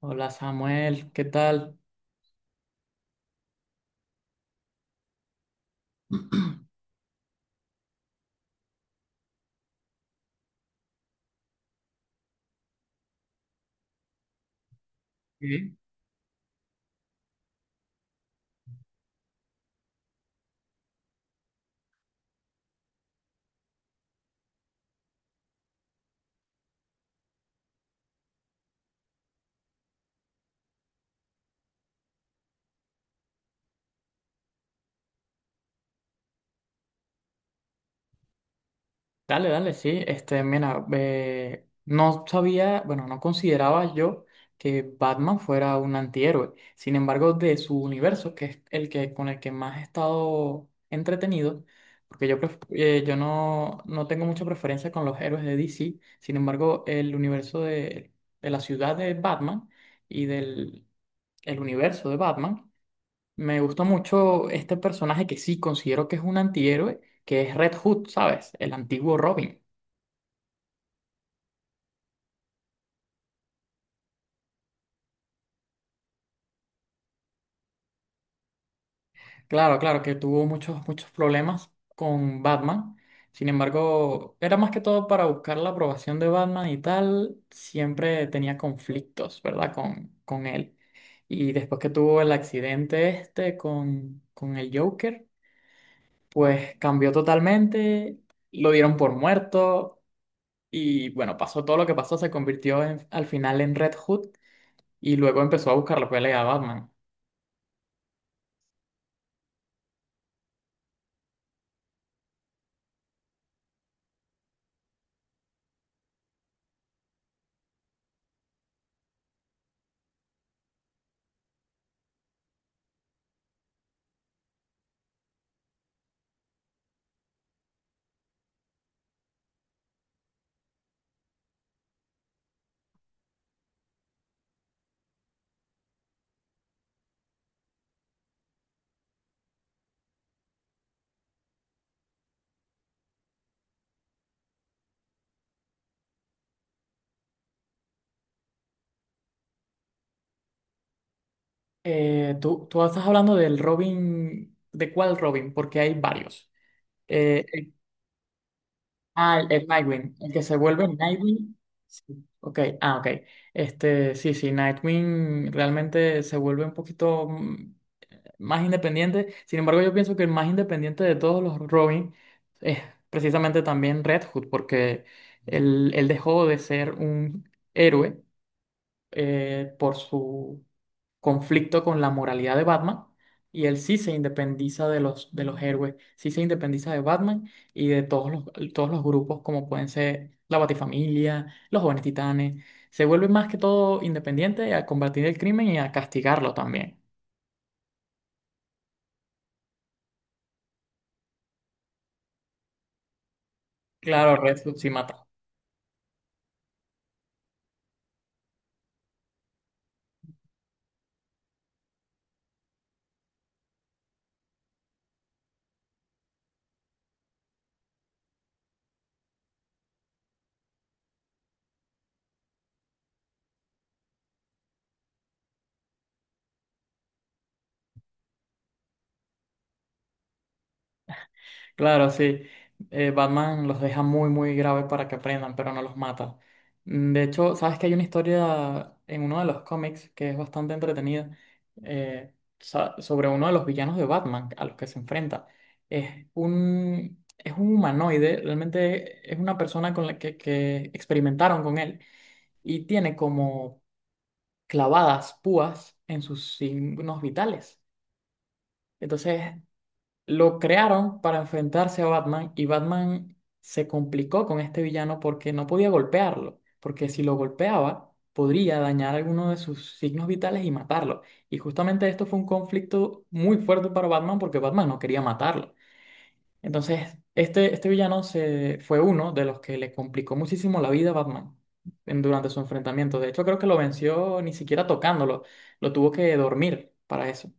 Hola Samuel, ¿qué tal? Sí. Dale, dale, sí. Este, mira, no sabía, bueno, no consideraba yo que Batman fuera un antihéroe. Sin embargo, de su universo, que es el que con el que más he estado entretenido, porque yo, no tengo mucha preferencia con los héroes de DC. Sin embargo, el universo de la ciudad de Batman y del el universo de Batman. Me gusta mucho este personaje que sí considero que es un antihéroe, que es Red Hood, ¿sabes? El antiguo Robin. Claro, claro, que tuvo muchos, muchos problemas con Batman. Sin embargo, era más que todo para buscar la aprobación de Batman y tal. Siempre tenía conflictos, ¿verdad? Con él. Y después que tuvo el accidente este con el Joker, pues cambió totalmente. Lo dieron por muerto. Y bueno, pasó todo lo que pasó. Al final en Red Hood y luego empezó a buscar la pelea a Batman. Tú estás hablando del Robin, ¿de cuál Robin? Porque hay varios. Eh, el- el Nightwing, el que se vuelve Nightwing. Sí. Ok, ah, ok. Este, sí, sí, Nightwing realmente se vuelve un poquito más independiente. Sin embargo, yo pienso que el más independiente de todos los Robin es precisamente también Red Hood, porque él dejó de ser un héroe por su conflicto con la moralidad de Batman y él sí se independiza de los héroes, sí se independiza de Batman y de todos los grupos como pueden ser la Batifamilia, los Jóvenes Titanes. Se vuelve más que todo independiente a combatir el crimen y a castigarlo también. Claro, Red Hood sí mata. Claro, sí. Batman los deja muy, muy graves para que aprendan, pero no los mata. De hecho, sabes que hay una historia en uno de los cómics que es bastante entretenida eh, sobre uno de los villanos de Batman a los que se enfrenta. Es un humanoide, realmente es una persona con que experimentaron con él y tiene como clavadas púas en sus signos vitales. Entonces lo crearon para enfrentarse a Batman y Batman se complicó con este villano porque no podía golpearlo, porque si lo golpeaba podría dañar alguno de sus signos vitales y matarlo. Y justamente esto fue un conflicto muy fuerte para Batman porque Batman no quería matarlo. Entonces, este, fue uno de los que le complicó muchísimo la vida a Batman durante su enfrentamiento. De hecho, creo que lo venció ni siquiera tocándolo, lo tuvo que dormir para eso.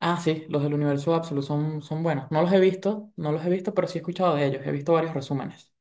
Ah, sí, los del Universo Absoluto son, son buenos. No los he visto, no los he visto, pero sí he escuchado de ellos. He visto varios resúmenes.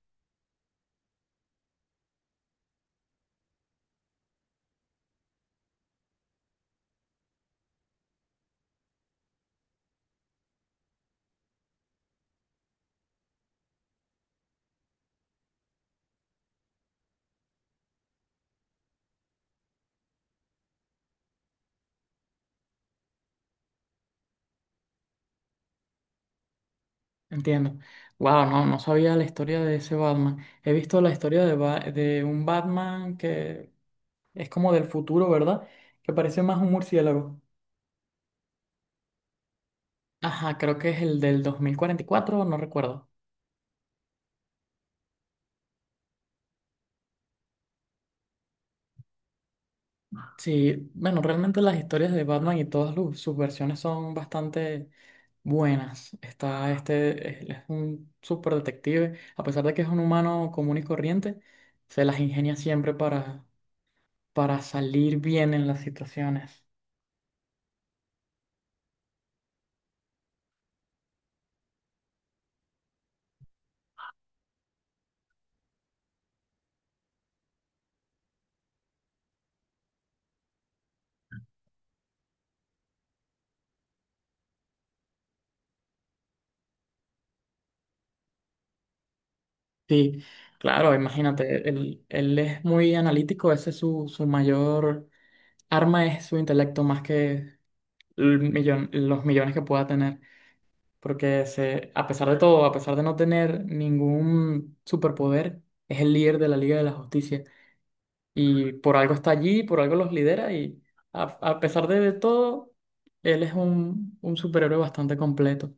Entiendo. Wow, no, no sabía la historia de ese Batman. He visto la historia de, de un Batman que es como del futuro, ¿verdad? Que parece más un murciélago. Ajá, creo que es el del 2044, no recuerdo. Sí, bueno, realmente las historias de Batman y todas sus versiones son bastante buenas. Está este, él es un super detective, a pesar de que es un humano común y corriente, se las ingenia siempre para salir bien en las situaciones. Sí, claro, imagínate, él es muy analítico, ese es su, su mayor arma es su intelecto más que el los millones que pueda tener. Porque se, a pesar de todo, a pesar de no tener ningún superpoder, es el líder de la Liga de la Justicia y por algo está allí, por algo los lidera y a pesar de todo, él es un superhéroe bastante completo.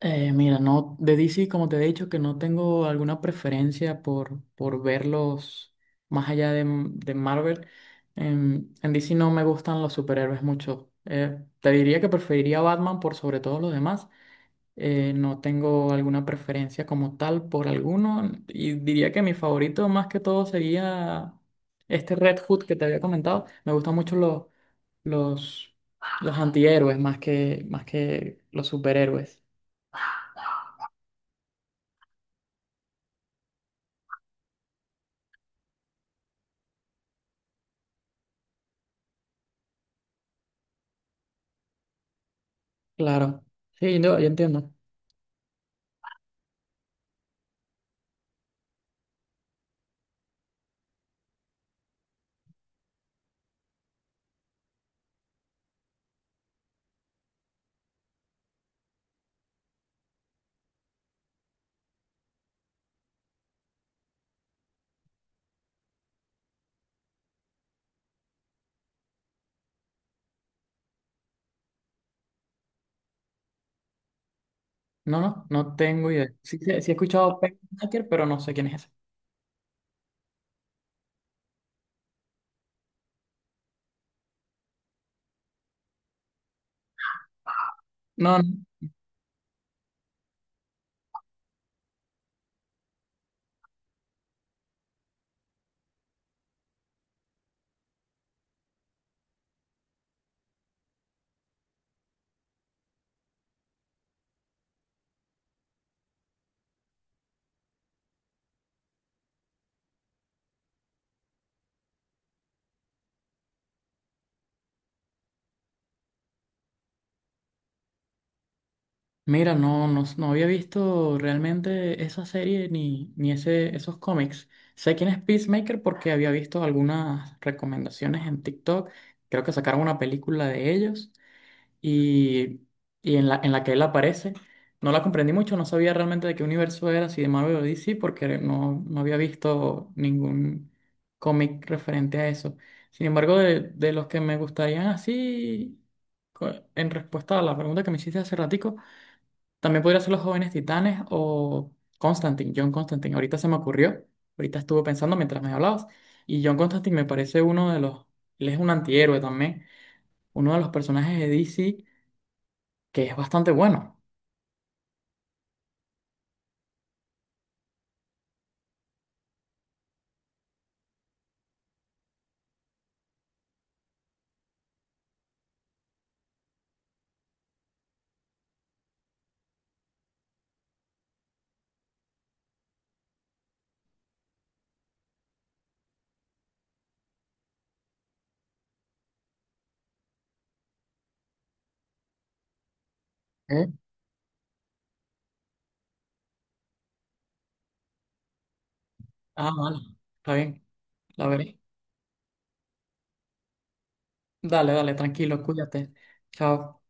Mira, no, de DC, como te he dicho, que no tengo alguna preferencia por verlos más allá de Marvel. En DC no me gustan los superhéroes mucho. Te diría que preferiría Batman por sobre todos los demás. No tengo alguna preferencia como tal por alguno y diría que mi favorito más que todo sería este Red Hood que te había comentado. Me gustan mucho los, los antihéroes más que los superhéroes. Claro. Sí, no, yo entiendo. No, no, no tengo idea. Sí, sí, sí he escuchado Peacemaker, pero no sé quién es ese. No, no. Mira, no, no, no había visto realmente esa serie ni, ni ese, esos cómics. Sé quién es Peacemaker porque había visto algunas recomendaciones en TikTok. Creo que sacaron una película de ellos y, y en la que él aparece. No la comprendí mucho, no sabía realmente de qué universo era, si de Marvel o DC, porque no, no había visto ningún cómic referente a eso. Sin embargo, de los que me gustarían así, en respuesta a la pregunta que me hiciste hace ratico, también podría ser Los Jóvenes Titanes o Constantine, John Constantine. Ahorita se me ocurrió, ahorita estuve pensando mientras me hablabas. Y John Constantine me parece uno de los, él es un antihéroe también, uno de los personajes de DC que es bastante bueno. ¿Eh? Ah, vale, está bien, la veré. Dale, dale, tranquilo, cuídate. Chao.